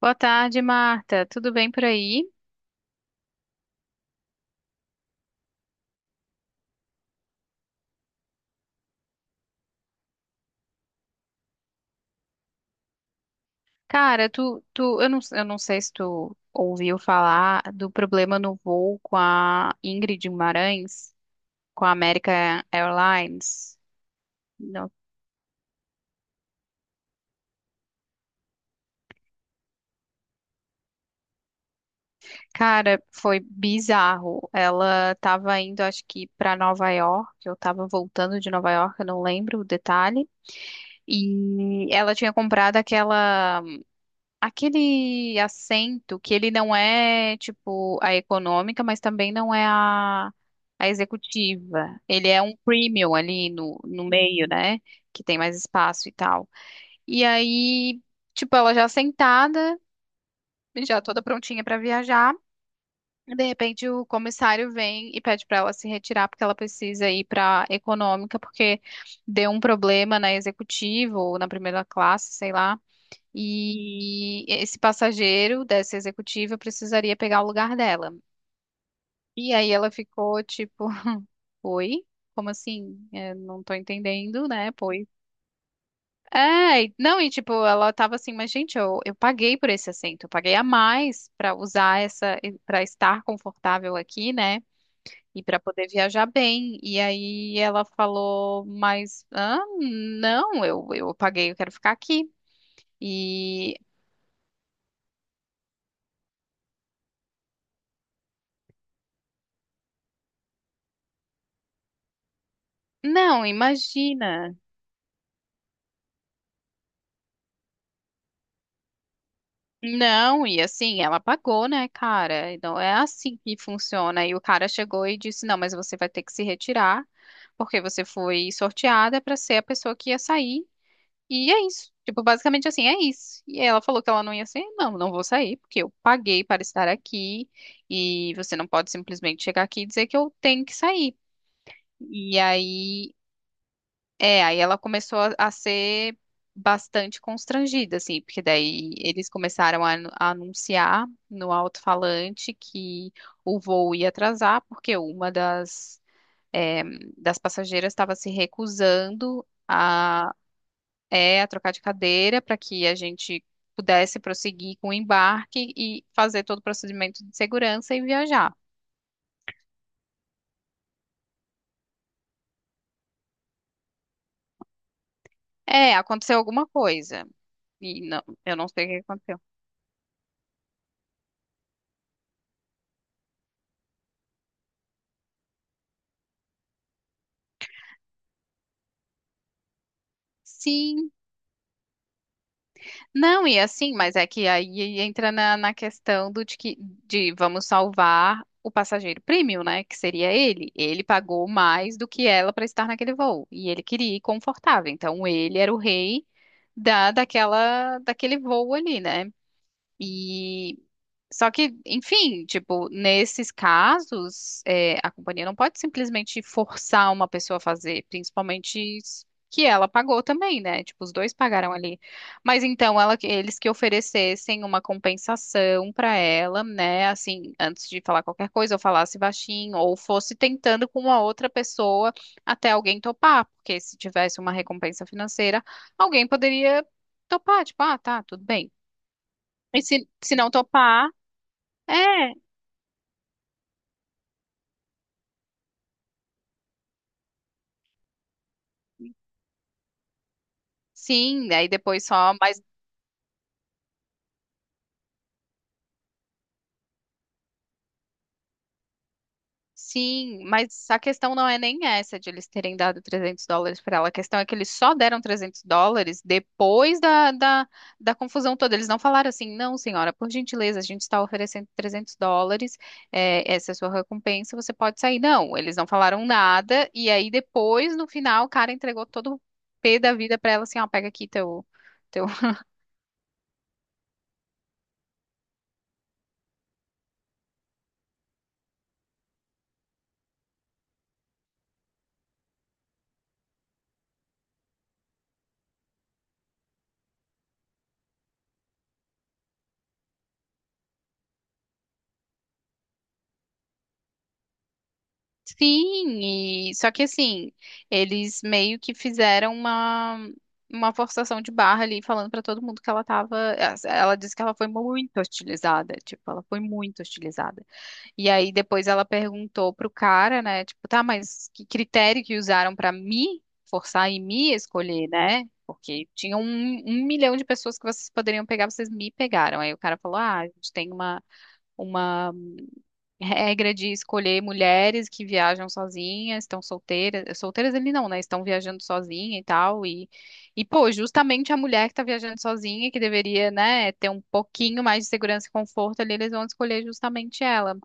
Boa tarde, Marta. Tudo bem por aí? Cara, tu, tu, eu não sei se tu ouviu falar do problema no voo com a Ingrid Guimarães, com a American Airlines. Não. Cara, foi bizarro. Ela estava indo, acho que para Nova York, eu estava voltando de Nova York, eu não lembro o detalhe. E ela tinha comprado aquela Aquele assento que ele não é, tipo, a econômica, mas também não é a executiva. Ele é um premium ali no meio, né? Que tem mais espaço e tal. E aí, tipo, ela já sentada, já toda prontinha para viajar. De repente, o comissário vem e pede para ela se retirar porque ela precisa ir para econômica porque deu um problema na executiva ou na primeira classe, sei lá. E esse passageiro dessa executiva precisaria pegar o lugar dela. E aí ela ficou tipo, oi? Como assim? É, não tô entendendo, né? Pois. É, e- não, e tipo, ela tava assim, mas gente, eu paguei por esse assento, eu paguei a mais pra usar essa, pra estar confortável aqui, né? E pra poder viajar bem. E aí ela falou, mas, ah, não, eu paguei, eu quero ficar aqui. E não, imagina. Não, e assim, ela pagou, né, cara? Então é assim que funciona. E o cara chegou e disse: não, mas você vai ter que se retirar, porque você foi sorteada para ser a pessoa que ia sair. E é isso. Tipo, basicamente assim, é isso. E ela falou que ela não ia sair. Não, não vou sair, porque eu paguei para estar aqui. E você não pode simplesmente chegar aqui e dizer que eu tenho que sair. E aí aí ela começou a ser bastante constrangida, assim, porque daí eles começaram a anunciar no alto-falante que o voo ia atrasar, porque uma é, das passageiras estava se recusando a trocar de cadeira para que a gente pudesse prosseguir com o embarque e fazer todo o procedimento de segurança e viajar. É, aconteceu alguma coisa. E não, eu não sei o que aconteceu. Sim. Não, e assim, mas é que aí entra na questão do de que de vamos salvar o passageiro premium, né? Que seria ele. Ele pagou mais do que ela para estar naquele voo. E ele queria ir confortável. Então ele era o rei daquele voo ali, né? E só que, enfim, tipo, nesses casos, é, a companhia não pode simplesmente forçar uma pessoa a fazer, principalmente que ela pagou também, né? Tipo, os dois pagaram ali. Mas então eles que oferecessem uma compensação para ela, né? Assim, antes de falar qualquer coisa, ou falasse baixinho, ou fosse tentando com uma outra pessoa até alguém topar, porque se tivesse uma recompensa financeira, alguém poderia topar, tipo, ah, tá, tudo bem. E se não topar, é, sim, aí depois só, mas sim, mas a questão não é nem essa de eles terem dado US$ 300 para ela, a questão é que eles só deram US$ 300 depois da confusão toda, eles não falaram assim, não, senhora, por gentileza, a gente está oferecendo US$ 300, é, essa é a sua recompensa, você pode sair, não, eles não falaram nada, e aí depois, no final, o cara entregou todo o pé da vida para ela, assim, ó, pega aqui teu, teu. Sim, e só que assim, eles meio que fizeram uma forçação de barra ali, falando pra todo mundo que ela tava, ela disse que ela foi muito hostilizada, tipo, ela foi muito hostilizada. E aí depois ela perguntou pro cara, né, tipo, tá, mas que critério que usaram pra me forçar e me escolher, né? Porque tinha um, 1 milhão de pessoas que vocês poderiam pegar, vocês me pegaram. Aí o cara falou, ah, a gente tem uma regra de escolher mulheres que viajam sozinhas, estão solteiras, solteiras ele não, né? Estão viajando sozinha e tal, e pô, justamente a mulher que tá viajando sozinha, que deveria, né, ter um pouquinho mais de segurança e conforto ali, eles vão escolher justamente ela.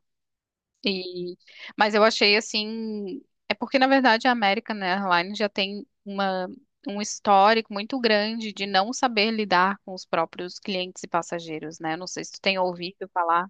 E, mas eu achei assim, é porque na verdade a American Airlines já tem uma Um histórico muito grande de não saber lidar com os próprios clientes e passageiros, né? Não sei se tu tem ouvido falar.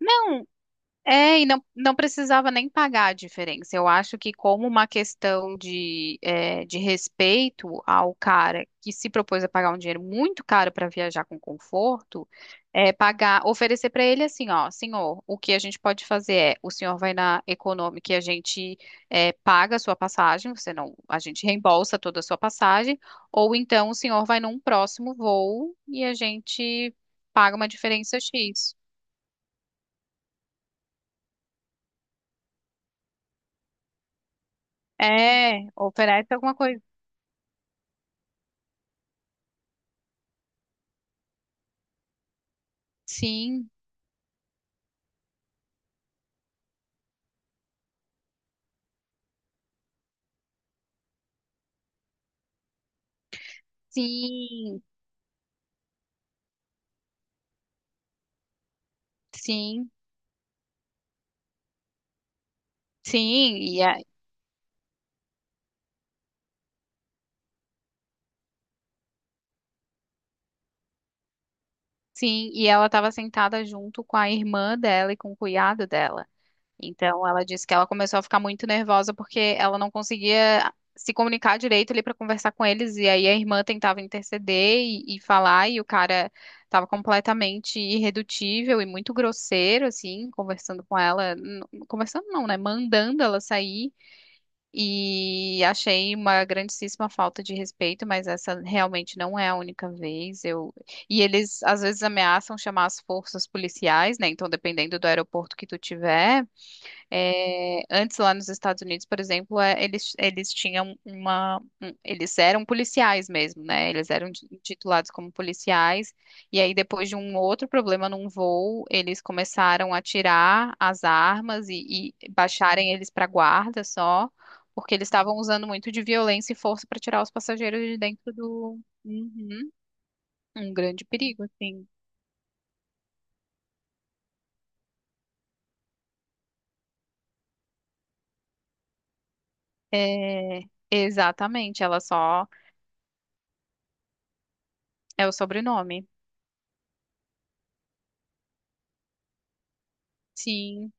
Não. É, e não, não precisava nem pagar a diferença. Eu acho que, como uma questão de, é, de respeito ao cara que se propôs a pagar um dinheiro muito caro para viajar com conforto, é pagar, oferecer para ele assim: ó, senhor, o que a gente pode fazer é: o senhor vai na Econômica e a gente é, paga a sua passagem, você não, a gente reembolsa toda a sua passagem, ou então o senhor vai num próximo voo e a gente paga uma diferença X. É, oferece alguma coisa. Sim, sim, sim, sim. e a, sim, e ela estava sentada junto com a irmã dela e com o cunhado dela. Então ela disse que ela começou a ficar muito nervosa porque ela não conseguia se comunicar direito ali para conversar com eles e aí a irmã tentava interceder e falar e o cara estava completamente irredutível e muito grosseiro assim, conversando com ela, n- conversando não, né, mandando ela sair. E achei uma grandíssima falta de respeito, mas essa realmente não é a única vez. Eu... E eles às vezes ameaçam chamar as forças policiais, né? Então, dependendo do aeroporto que tu tiver. É, antes lá nos Estados Unidos, por exemplo, é, eles tinham uma, um- eles eram policiais mesmo, né? Eles eram ti- titulados como policiais. E aí depois de um outro problema num voo, eles começaram a tirar as armas e baixarem eles para guarda só, porque eles estavam usando muito de violência e força para tirar os passageiros de dentro do Uhum. Um grande perigo, assim. É, exatamente, ela só é o sobrenome. Sim.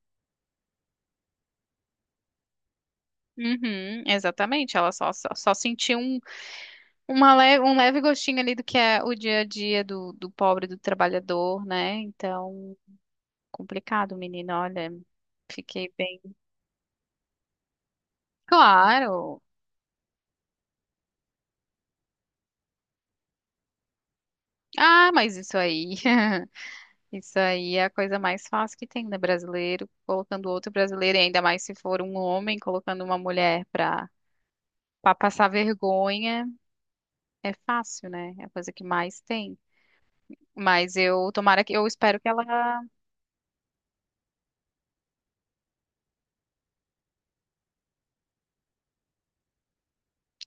Uhum, exatamente, ela só, só, só sentiu um, uma le- um leve gostinho ali do que é o dia a dia do pobre, do trabalhador, né? Então, complicado, menino, olha, fiquei bem. Claro! Ah, mas isso aí, isso aí é a coisa mais fácil que tem, né? Brasileiro colocando outro brasileiro, e ainda mais se for um homem colocando uma mulher pra, pra passar vergonha, é fácil, né? É a coisa que mais tem. Mas eu, tomara que, eu espero que ela.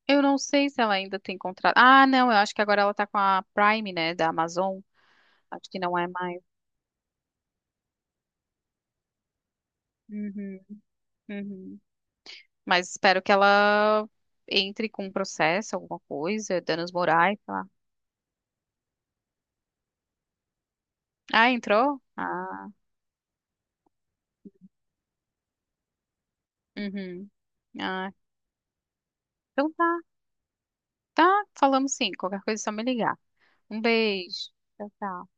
Eu não sei se ela ainda tem contrato. Ah, não, eu acho que agora ela tá com a Prime, né, da Amazon. Acho que não é mais. Uhum, uhum. Mas espero que ela entre com um processo, alguma coisa, danos morais, sei lá. Ah, entrou? Ah, uhum. Ah, então tá. Tá, falamos sim. Qualquer coisa é só me ligar. Um beijo. Tchau, tchau.